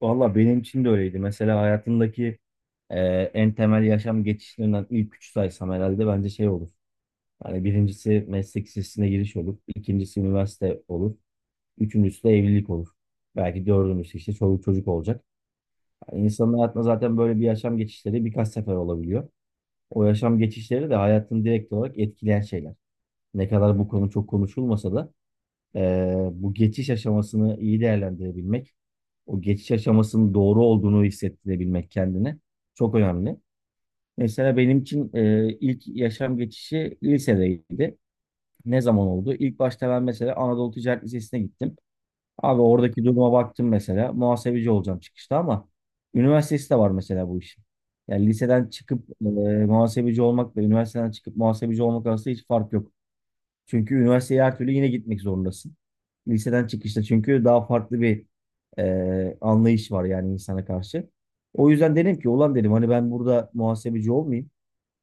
Valla benim için de öyleydi. Mesela hayatımdaki e, en temel yaşam geçişlerinden ilk üç saysam herhalde bence şey olur. Yani birincisi meslek lisesine giriş olur. ikincisi üniversite olur. Üçüncüsü de evlilik olur. Belki dördüncüsü işte çoluk çocuk olacak. Yani insanın hayatında zaten böyle bir yaşam geçişleri birkaç sefer olabiliyor. O yaşam geçişleri de hayatını direkt olarak etkileyen şeyler. Ne kadar bu konu çok konuşulmasa da bu geçiş aşamasını iyi değerlendirebilmek, o geçiş aşamasının doğru olduğunu hissettirebilmek kendine çok önemli. Mesela benim için ilk yaşam geçişi lisedeydi. Ne zaman oldu? İlk başta ben mesela Anadolu Ticaret Lisesi'ne gittim. Abi oradaki duruma baktım mesela. Muhasebeci olacağım çıkışta ama üniversitesi de var mesela bu işin. Yani liseden çıkıp muhasebeci olmak ve üniversiteden çıkıp muhasebeci olmak arasında hiç fark yok. Çünkü üniversiteye her türlü yine gitmek zorundasın. Liseden çıkışta çünkü daha farklı bir anlayış var yani insana karşı. O yüzden dedim ki ulan dedim hani ben burada muhasebeci olmayayım.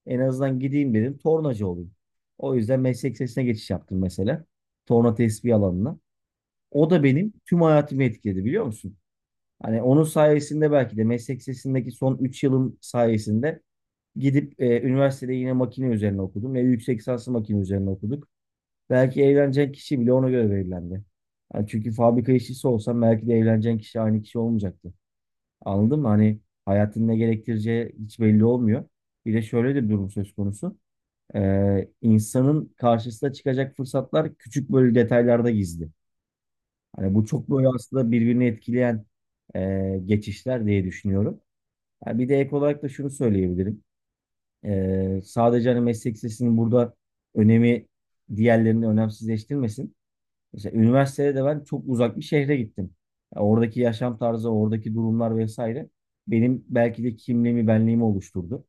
En azından gideyim dedim tornacı olayım. O yüzden meslek sesine geçiş yaptım mesela. Torna tespih alanına. O da benim tüm hayatımı etkiledi biliyor musun? Hani onun sayesinde belki de meslek sesindeki son 3 yılım sayesinde gidip üniversitede yine makine üzerine okudum ve yüksek lisanslı makine üzerine okuduk. Belki evlenecek kişi bile ona göre belirlendi. Yani çünkü fabrika işçisi olsan belki de evleneceğin kişi aynı kişi olmayacaktı. Anladın mı? Hani hayatın ne gerektireceği hiç belli olmuyor. Bir de şöyle de bir durum söz konusu. İnsanın karşısına çıkacak fırsatlar küçük böyle detaylarda gizli. Hani bu çok böyle aslında birbirini etkileyen geçişler diye düşünüyorum. Ha, bir de ek olarak da şunu söyleyebilirim. Sadece hani meslek sesinin burada önemi diğerlerini önemsizleştirmesin. Mesela üniversitede de ben çok uzak bir şehre gittim. Ya oradaki yaşam tarzı, oradaki durumlar vesaire benim belki de kimliğimi, benliğimi oluşturdu.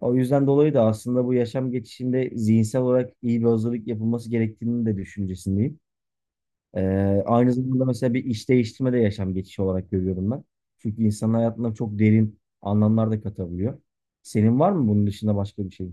O yüzden dolayı da aslında bu yaşam geçişinde zihinsel olarak iyi bir hazırlık yapılması gerektiğini de düşüncesindeyim. Ee, Aynı zamanda mesela bir iş değiştirme de yaşam geçişi olarak görüyorum ben. Çünkü insanın hayatına çok derin anlamlar da katabiliyor. Senin var mı bunun dışında başka bir şey?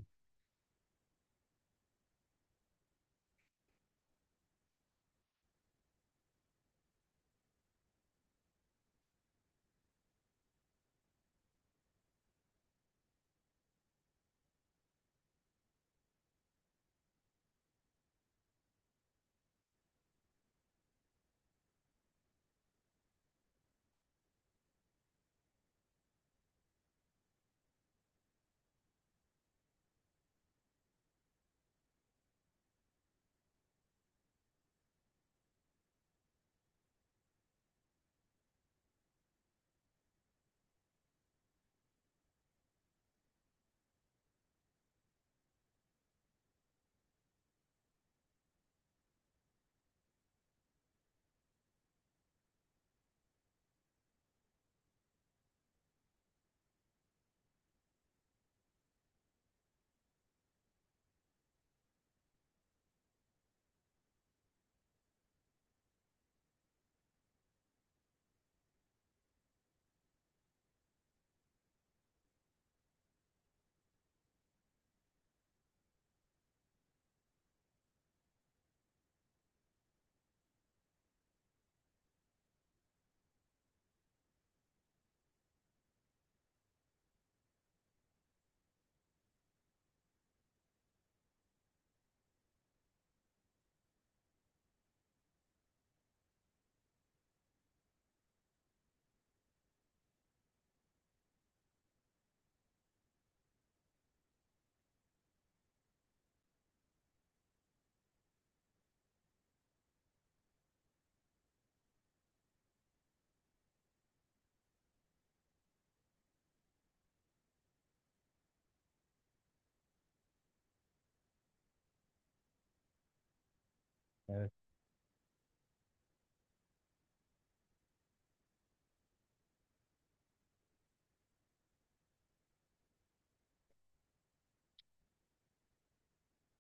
Evet.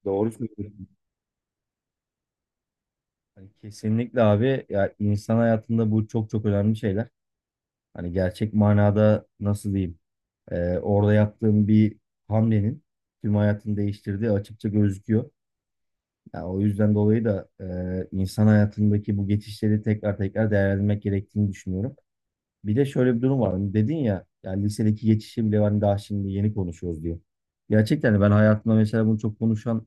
Doğru söylüyorsun. Hani kesinlikle abi ya insan hayatında bu çok çok önemli şeyler. Hani gerçek manada nasıl diyeyim? Orada yaptığım bir hamlenin tüm hayatını değiştirdiği açıkça gözüküyor. Yani o yüzden dolayı da insan hayatındaki bu geçişleri tekrar tekrar değerlendirmek gerektiğini düşünüyorum. Bir de şöyle bir durum var. Hani dedin ya, yani lisedeki geçişi bile hani daha şimdi yeni konuşuyoruz diye. Gerçekten de ben hayatımda mesela bunu çok konuşan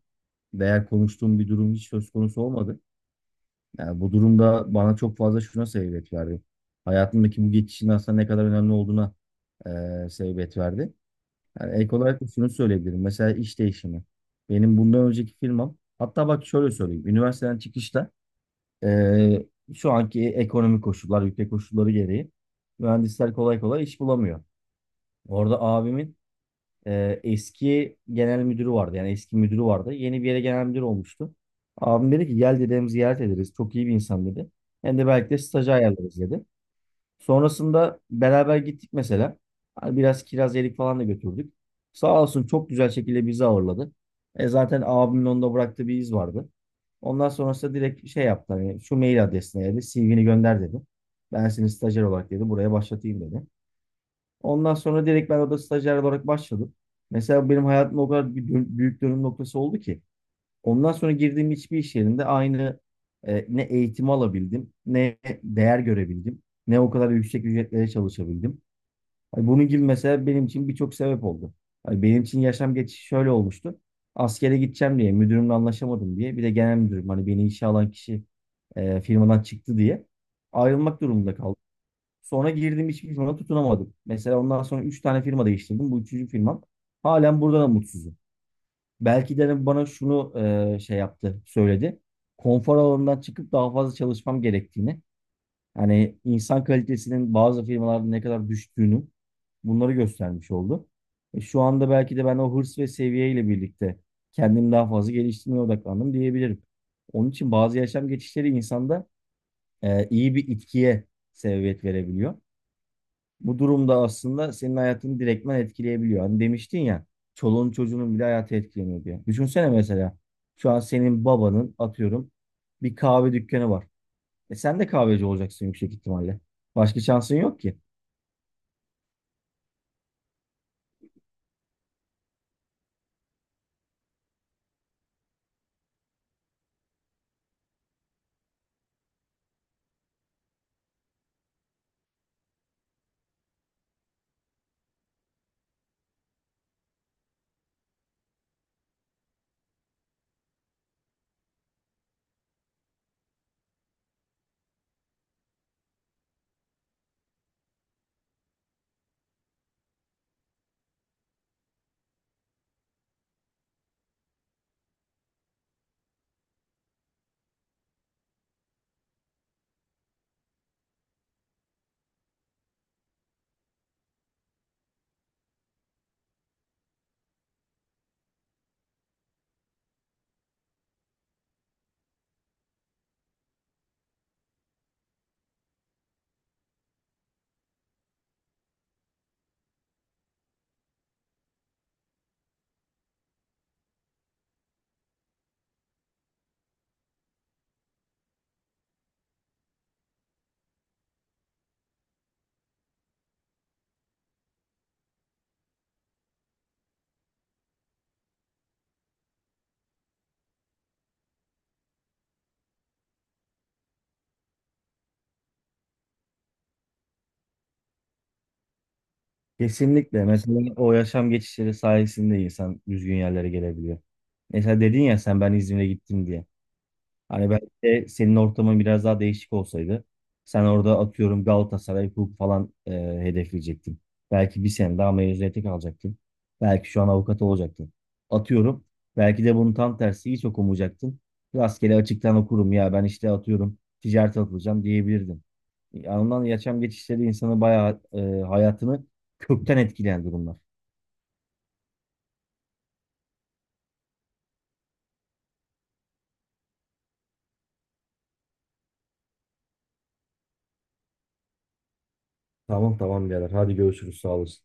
veya konuştuğum bir durum hiç söz konusu olmadı. Yani bu durumda bana çok fazla şuna sebebiyet verdi. Hayatımdaki bu geçişin aslında ne kadar önemli olduğuna sebebiyet verdi. Yani ek olarak da şunu söyleyebilirim. Mesela iş değişimi. Benim bundan önceki firmam, hatta bak şöyle söyleyeyim. Üniversiteden çıkışta eee, şu anki ekonomik koşullar, ülke koşulları gereği mühendisler kolay kolay iş bulamıyor. Orada abimin eski genel müdürü vardı. Yani eski müdürü vardı. Yeni bir yere genel müdür olmuştu. Abim dedi ki gel dedem ziyaret ederiz. Çok iyi bir insan dedi. Hem de belki de stajı ayarlarız dedi. Sonrasında beraber gittik mesela. Hani biraz kiraz yedik falan da götürdük. Sağ olsun çok güzel şekilde bizi ağırladı. E zaten abimin onda bıraktığı bir iz vardı. Ondan sonrasında direkt şey yaptı. Hani şu mail adresine dedi. CV'ni gönder dedi. Ben seni stajyer olarak dedi. Buraya başlatayım dedi. Ondan sonra direkt ben orada stajyer olarak başladım. Mesela benim hayatımda o kadar bir büyük dönüm noktası oldu ki. Ondan sonra girdiğim hiçbir iş yerinde aynı ne eğitim alabildim, ne değer görebildim, ne o kadar yüksek ücretlere çalışabildim. Hani bunun gibi mesela benim için birçok sebep oldu. Hani benim için yaşam geçişi şöyle olmuştu. Askere gideceğim diye, müdürümle anlaşamadım diye. Bir de genel müdürüm hani beni işe alan kişi firmadan çıktı diye ayrılmak durumunda kaldım. Sonra girdim hiçbir firma tutunamadım. Mesela ondan sonra 3 tane firma değiştirdim. Bu üçüncü firmam. Halen burada da mutsuzum. Belki de hani bana şunu şey yaptı, söyledi. Konfor alanından çıkıp daha fazla çalışmam gerektiğini. Hani insan kalitesinin bazı firmalarda ne kadar düştüğünü bunları göstermiş oldu. Şu anda belki de ben o hırs ve seviyeyle birlikte kendimi daha fazla geliştirmeye odaklandım diyebilirim. Onun için bazı yaşam geçişleri insanda iyi bir itkiye sebebiyet verebiliyor. Bu durumda aslında senin hayatını direktmen etkileyebiliyor. Hani demiştin ya çoluğun çocuğunun bile hayatı etkileniyor diye. Düşünsene mesela şu an senin babanın atıyorum bir kahve dükkanı var. E sen de kahveci olacaksın yüksek ihtimalle. Başka şansın yok ki. Kesinlikle. Mesela o yaşam geçişleri sayesinde insan düzgün yerlere gelebiliyor. Mesela dedin ya sen ben İzmir'e gittim diye. Hani belki de senin ortamın biraz daha değişik olsaydı sen orada atıyorum Galatasaray hukuk falan hedefleyecektin. Belki bir sene daha mezuniyete kalacaktın. Belki şu an avukat olacaktın. Atıyorum. Belki de bunun tam tersi hiç okumayacaktın. Rastgele açıktan okurum ya ben işte atıyorum ticarete atılacağım diyebilirdin. Anından yaşam geçişleri insanı bayağı hayatını kökten etkileyen durumlar. Tamam, tamam, birader hadi görüşürüz sağ olasın.